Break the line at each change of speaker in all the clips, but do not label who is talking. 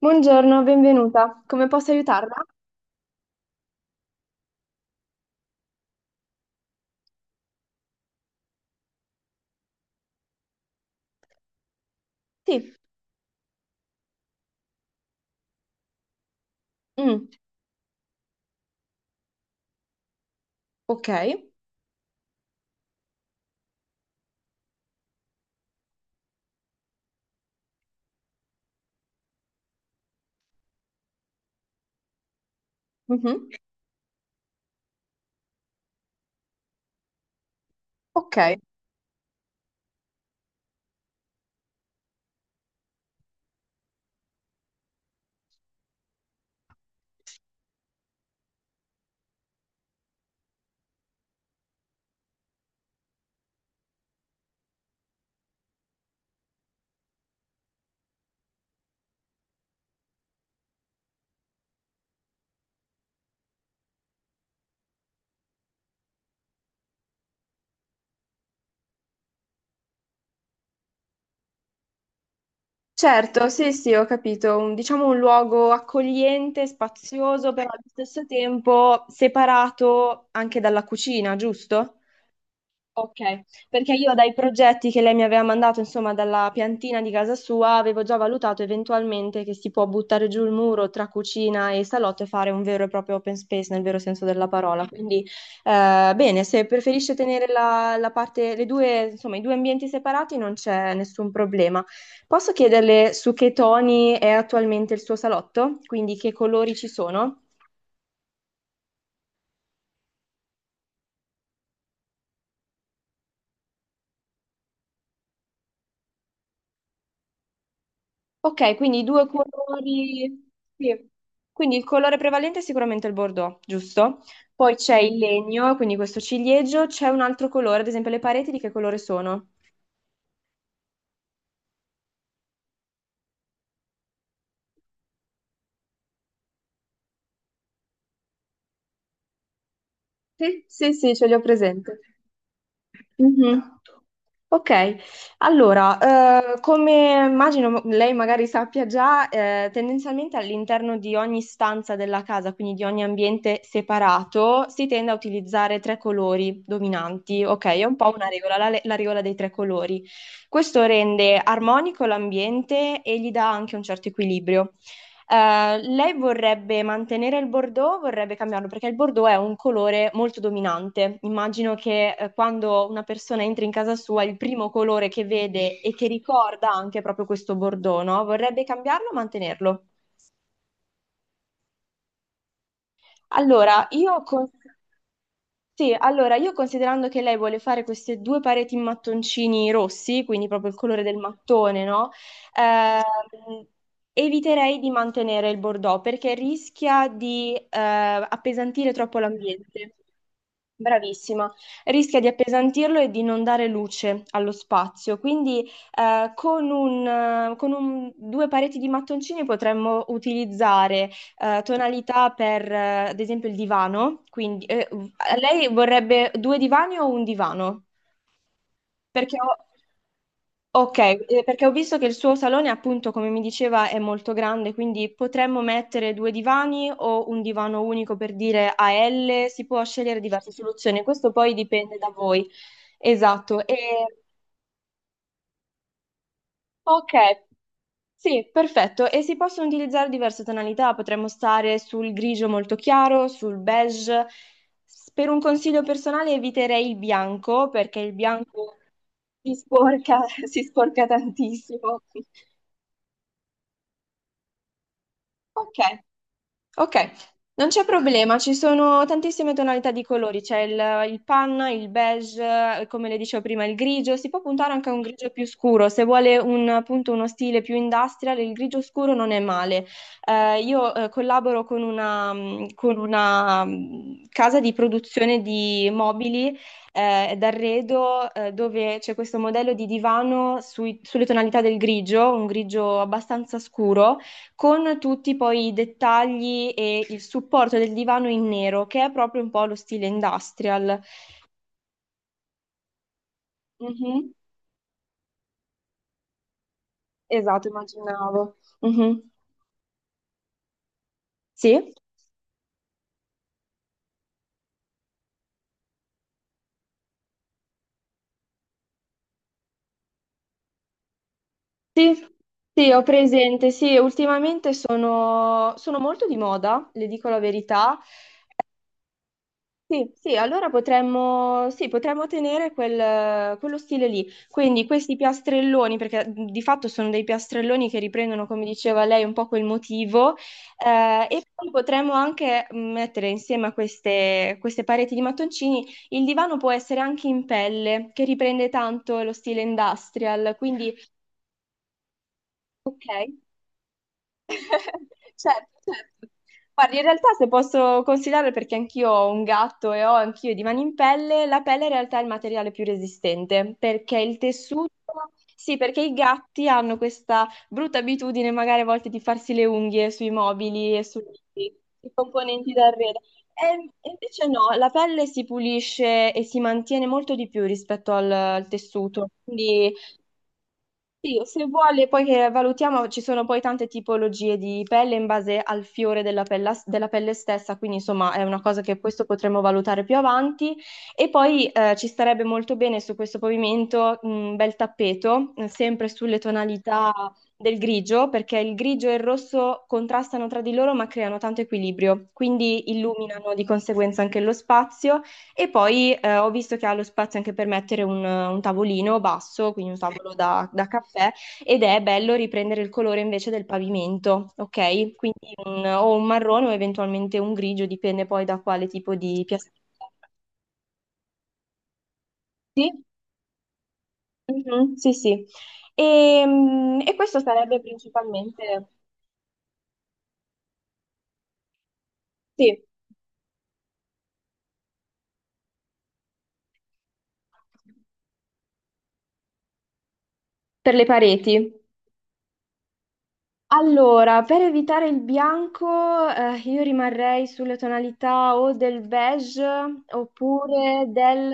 Buongiorno, benvenuta. Come posso aiutarla? Sì. Mm, ok. Mhm. Ok. Certo, sì, sì, ho capito. Diciamo un luogo accogliente, spazioso, però allo stesso tempo separato anche dalla cucina, giusto? Ok, perché io dai progetti che lei mi aveva mandato, insomma, dalla piantina di casa sua, avevo già valutato eventualmente che si può buttare giù il muro tra cucina e salotto e fare un vero e proprio open space nel vero senso della parola. Quindi, bene, se preferisce tenere la parte, le due, insomma, i due ambienti separati non c'è nessun problema. Posso chiederle su che toni è attualmente il suo salotto? Quindi che colori ci sono? Ok, quindi i due colori. Sì. Quindi il colore prevalente è sicuramente il bordeaux, giusto? Poi c'è il legno, quindi questo ciliegio, c'è un altro colore, ad esempio le pareti di che colore sono? Sì, sì, sì, ce li ho presente. Mhm. Ok, allora, come immagino lei magari sappia già, tendenzialmente all'interno di ogni stanza della casa, quindi di ogni ambiente separato, si tende a utilizzare tre colori dominanti. Ok, è un po' una regola, la regola dei tre colori. Questo rende armonico l'ambiente e gli dà anche un certo equilibrio. Lei vorrebbe mantenere il bordeaux, vorrebbe cambiarlo perché il bordeaux è un colore molto dominante. Immagino che quando una persona entra in casa sua, il primo colore che vede e che ricorda anche è proprio questo bordeaux, no? Vorrebbe cambiarlo o mantenerlo? Allora, io con... Sì, allora io considerando che lei vuole fare queste due pareti in mattoncini rossi, quindi proprio il colore del mattone, no? Ehm, Eviterei di mantenere il bordeaux perché rischia di appesantire troppo l'ambiente. Bravissima, rischia di appesantirlo e di non dare luce allo spazio, quindi due pareti di mattoncini potremmo utilizzare tonalità per, ad esempio, il divano, quindi lei vorrebbe due divani o un divano? Perché ho... Ok, perché ho visto che il suo salone, appunto, come mi diceva, è molto grande, quindi potremmo mettere due divani o un divano unico per dire a L, si può scegliere diverse soluzioni, questo poi dipende da voi. Esatto. E... Ok, sì, perfetto. E si possono utilizzare diverse tonalità, potremmo stare sul grigio molto chiaro, sul beige. Per un consiglio personale eviterei il bianco, perché il bianco si sporca, si sporca tantissimo. Ok. Ok, non c'è problema, ci sono tantissime tonalità di colori, c'è il panna, il beige, come le dicevo prima, il grigio, si può puntare anche a un grigio più scuro, se vuole un, appunto uno stile più industrial, il grigio scuro non è male. Io collaboro con una casa di produzione di mobili d'arredo, dove c'è questo modello di divano sulle tonalità del grigio, un grigio abbastanza scuro con tutti poi i dettagli e il supporto del divano in nero, che è proprio un po' lo stile industrial. Mhm. Esatto, immaginavo. Mhm. Sì? Sì, sì, ho presente. Sì, ultimamente sono molto di moda, le dico la verità. Sì, sì, allora potremmo, sì, potremmo tenere quello stile lì. Quindi questi piastrelloni, perché di fatto sono dei piastrelloni che riprendono, come diceva lei, un po' quel motivo, e poi potremmo anche mettere insieme a queste pareti di mattoncini, il divano può essere anche in pelle, che riprende tanto lo stile industrial, quindi ok. Certo, certo. Guardi, in realtà se posso considerare, perché anch'io ho un gatto e ho anch'io i divani in pelle, la pelle in realtà è il materiale più resistente, perché il tessuto, sì, perché i gatti hanno questa brutta abitudine magari a volte di farsi le unghie sui mobili e sui componenti d'arredo. E invece no, la pelle si pulisce e si mantiene molto di più rispetto al tessuto, quindi sì, se vuole, poi che valutiamo, ci sono poi tante tipologie di pelle in base al fiore della della pelle, stessa, quindi insomma è una cosa che questo potremo valutare più avanti. E poi ci starebbe molto bene su questo pavimento un bel tappeto, sempre sulle tonalità del grigio, perché il grigio e il rosso contrastano tra di loro ma creano tanto equilibrio, quindi illuminano di conseguenza anche lo spazio e poi ho visto che ha lo spazio anche per mettere un tavolino basso, quindi un tavolo da caffè, ed è bello riprendere il colore invece del pavimento, ok? Quindi o un marrone o eventualmente un grigio, dipende poi da quale tipo di piastrella. Sì, mhm, sì, sì. E questo sarebbe principalmente, sì, per le pareti. Allora, per evitare il bianco, io rimarrei sulle tonalità o del beige oppure del...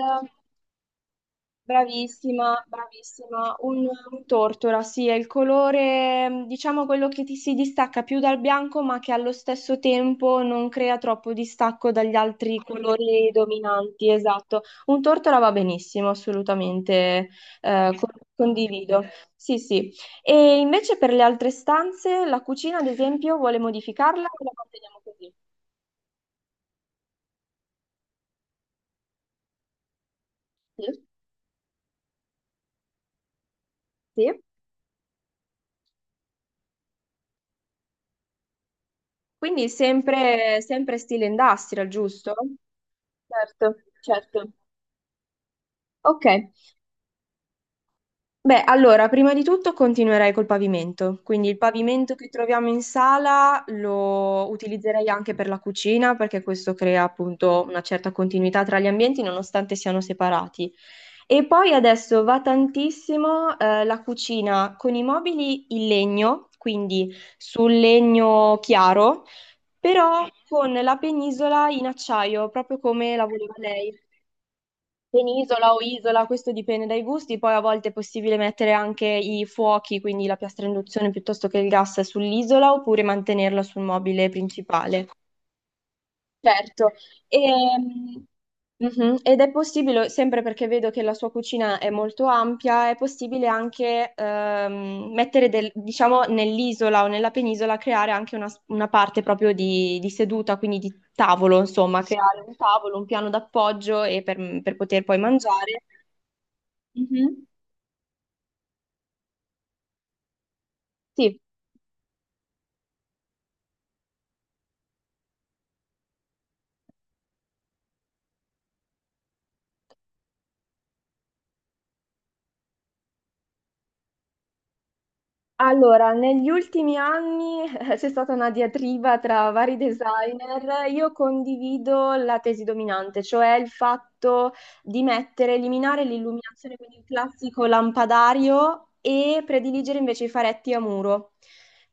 Bravissima, bravissima. Un tortora, sì, è il colore, diciamo quello che ti si distacca più dal bianco, ma che allo stesso tempo non crea troppo distacco dagli altri colori dominanti, esatto. Un tortora va benissimo, assolutamente, condivido. Sì, sì. E invece per le altre stanze, la cucina, ad esempio, vuole modificarla o la manteniamo così? Sì. Sì. Quindi sempre, sempre stile industrial, giusto? Certo, certo. Ok, beh, allora, prima di tutto continuerei col pavimento, quindi il pavimento che troviamo in sala lo utilizzerei anche per la cucina perché questo crea appunto una certa continuità tra gli ambienti nonostante siano separati. E poi adesso va tantissimo la cucina con i mobili in legno, quindi sul legno chiaro, però con la penisola in acciaio, proprio come la voleva lei. Penisola o isola, questo dipende dai gusti, poi a volte è possibile mettere anche i fuochi, quindi la piastra a induzione piuttosto che il gas sull'isola oppure mantenerla sul mobile principale. Certo, Ehm, mhm, Ed è possibile, sempre perché vedo che la sua cucina è molto ampia, è possibile anche mettere, diciamo, nell'isola o nella penisola, creare anche una parte proprio di seduta, quindi di tavolo, insomma, creare un tavolo, un piano d'appoggio e per poter poi mangiare. Mhm. Sì, allora, negli ultimi anni c'è stata una diatriba tra vari designer. Io condivido la tesi dominante, cioè il fatto di mettere, eliminare l'illuminazione, quindi il classico lampadario, e prediligere invece i faretti a muro.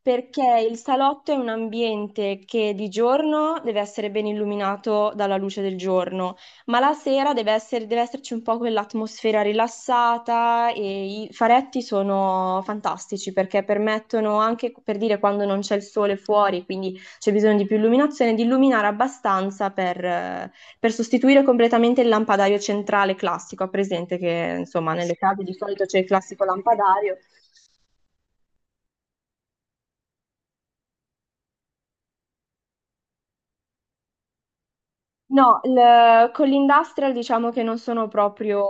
Perché il salotto è un ambiente che di giorno deve essere ben illuminato dalla luce del giorno ma la sera deve esserci un po' quell'atmosfera rilassata e i faretti sono fantastici perché permettono anche, per dire, quando non c'è il sole fuori, quindi c'è bisogno di più illuminazione, di illuminare abbastanza per sostituire completamente il lampadario centrale classico. Ha presente che, insomma, nelle case di solito c'è il classico lampadario. No, con l'industrial diciamo che non sono proprio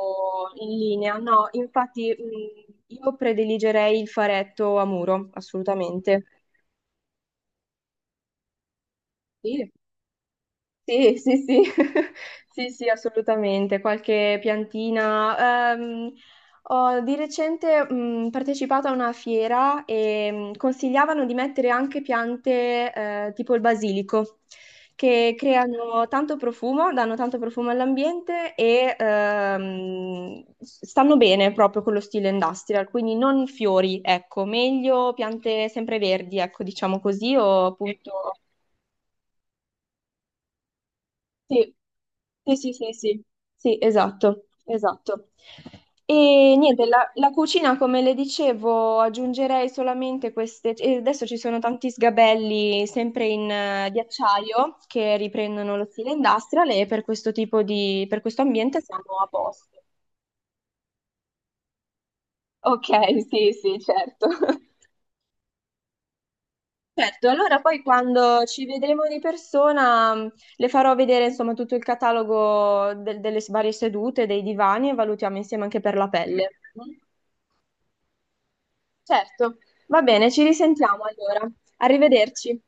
in linea, no, infatti io prediligerei il faretto a muro, assolutamente. Sì. Sì, sì, sì, sì, sì, assolutamente, qualche piantina. Ho di recente partecipato a una fiera e consigliavano di mettere anche piante tipo il basilico, che creano tanto profumo, danno tanto profumo all'ambiente e stanno bene proprio con lo stile industrial, quindi non fiori, ecco, meglio piante sempre verdi, ecco, diciamo così, o appunto sì, sì, sì, sì, sì, sì, esatto, esatto. E niente, la cucina, come le dicevo, aggiungerei solamente queste. E adesso ci sono tanti sgabelli sempre in, di acciaio che riprendono lo stile industrial e per questo tipo di, per questo ambiente siamo a posto. Ok, sì, sì, certo. Certo, allora poi quando ci vedremo di persona le farò vedere insomma tutto il catalogo delle varie sedute, dei divani e valutiamo insieme anche per la pelle. Certo, va bene, ci risentiamo allora. Arrivederci.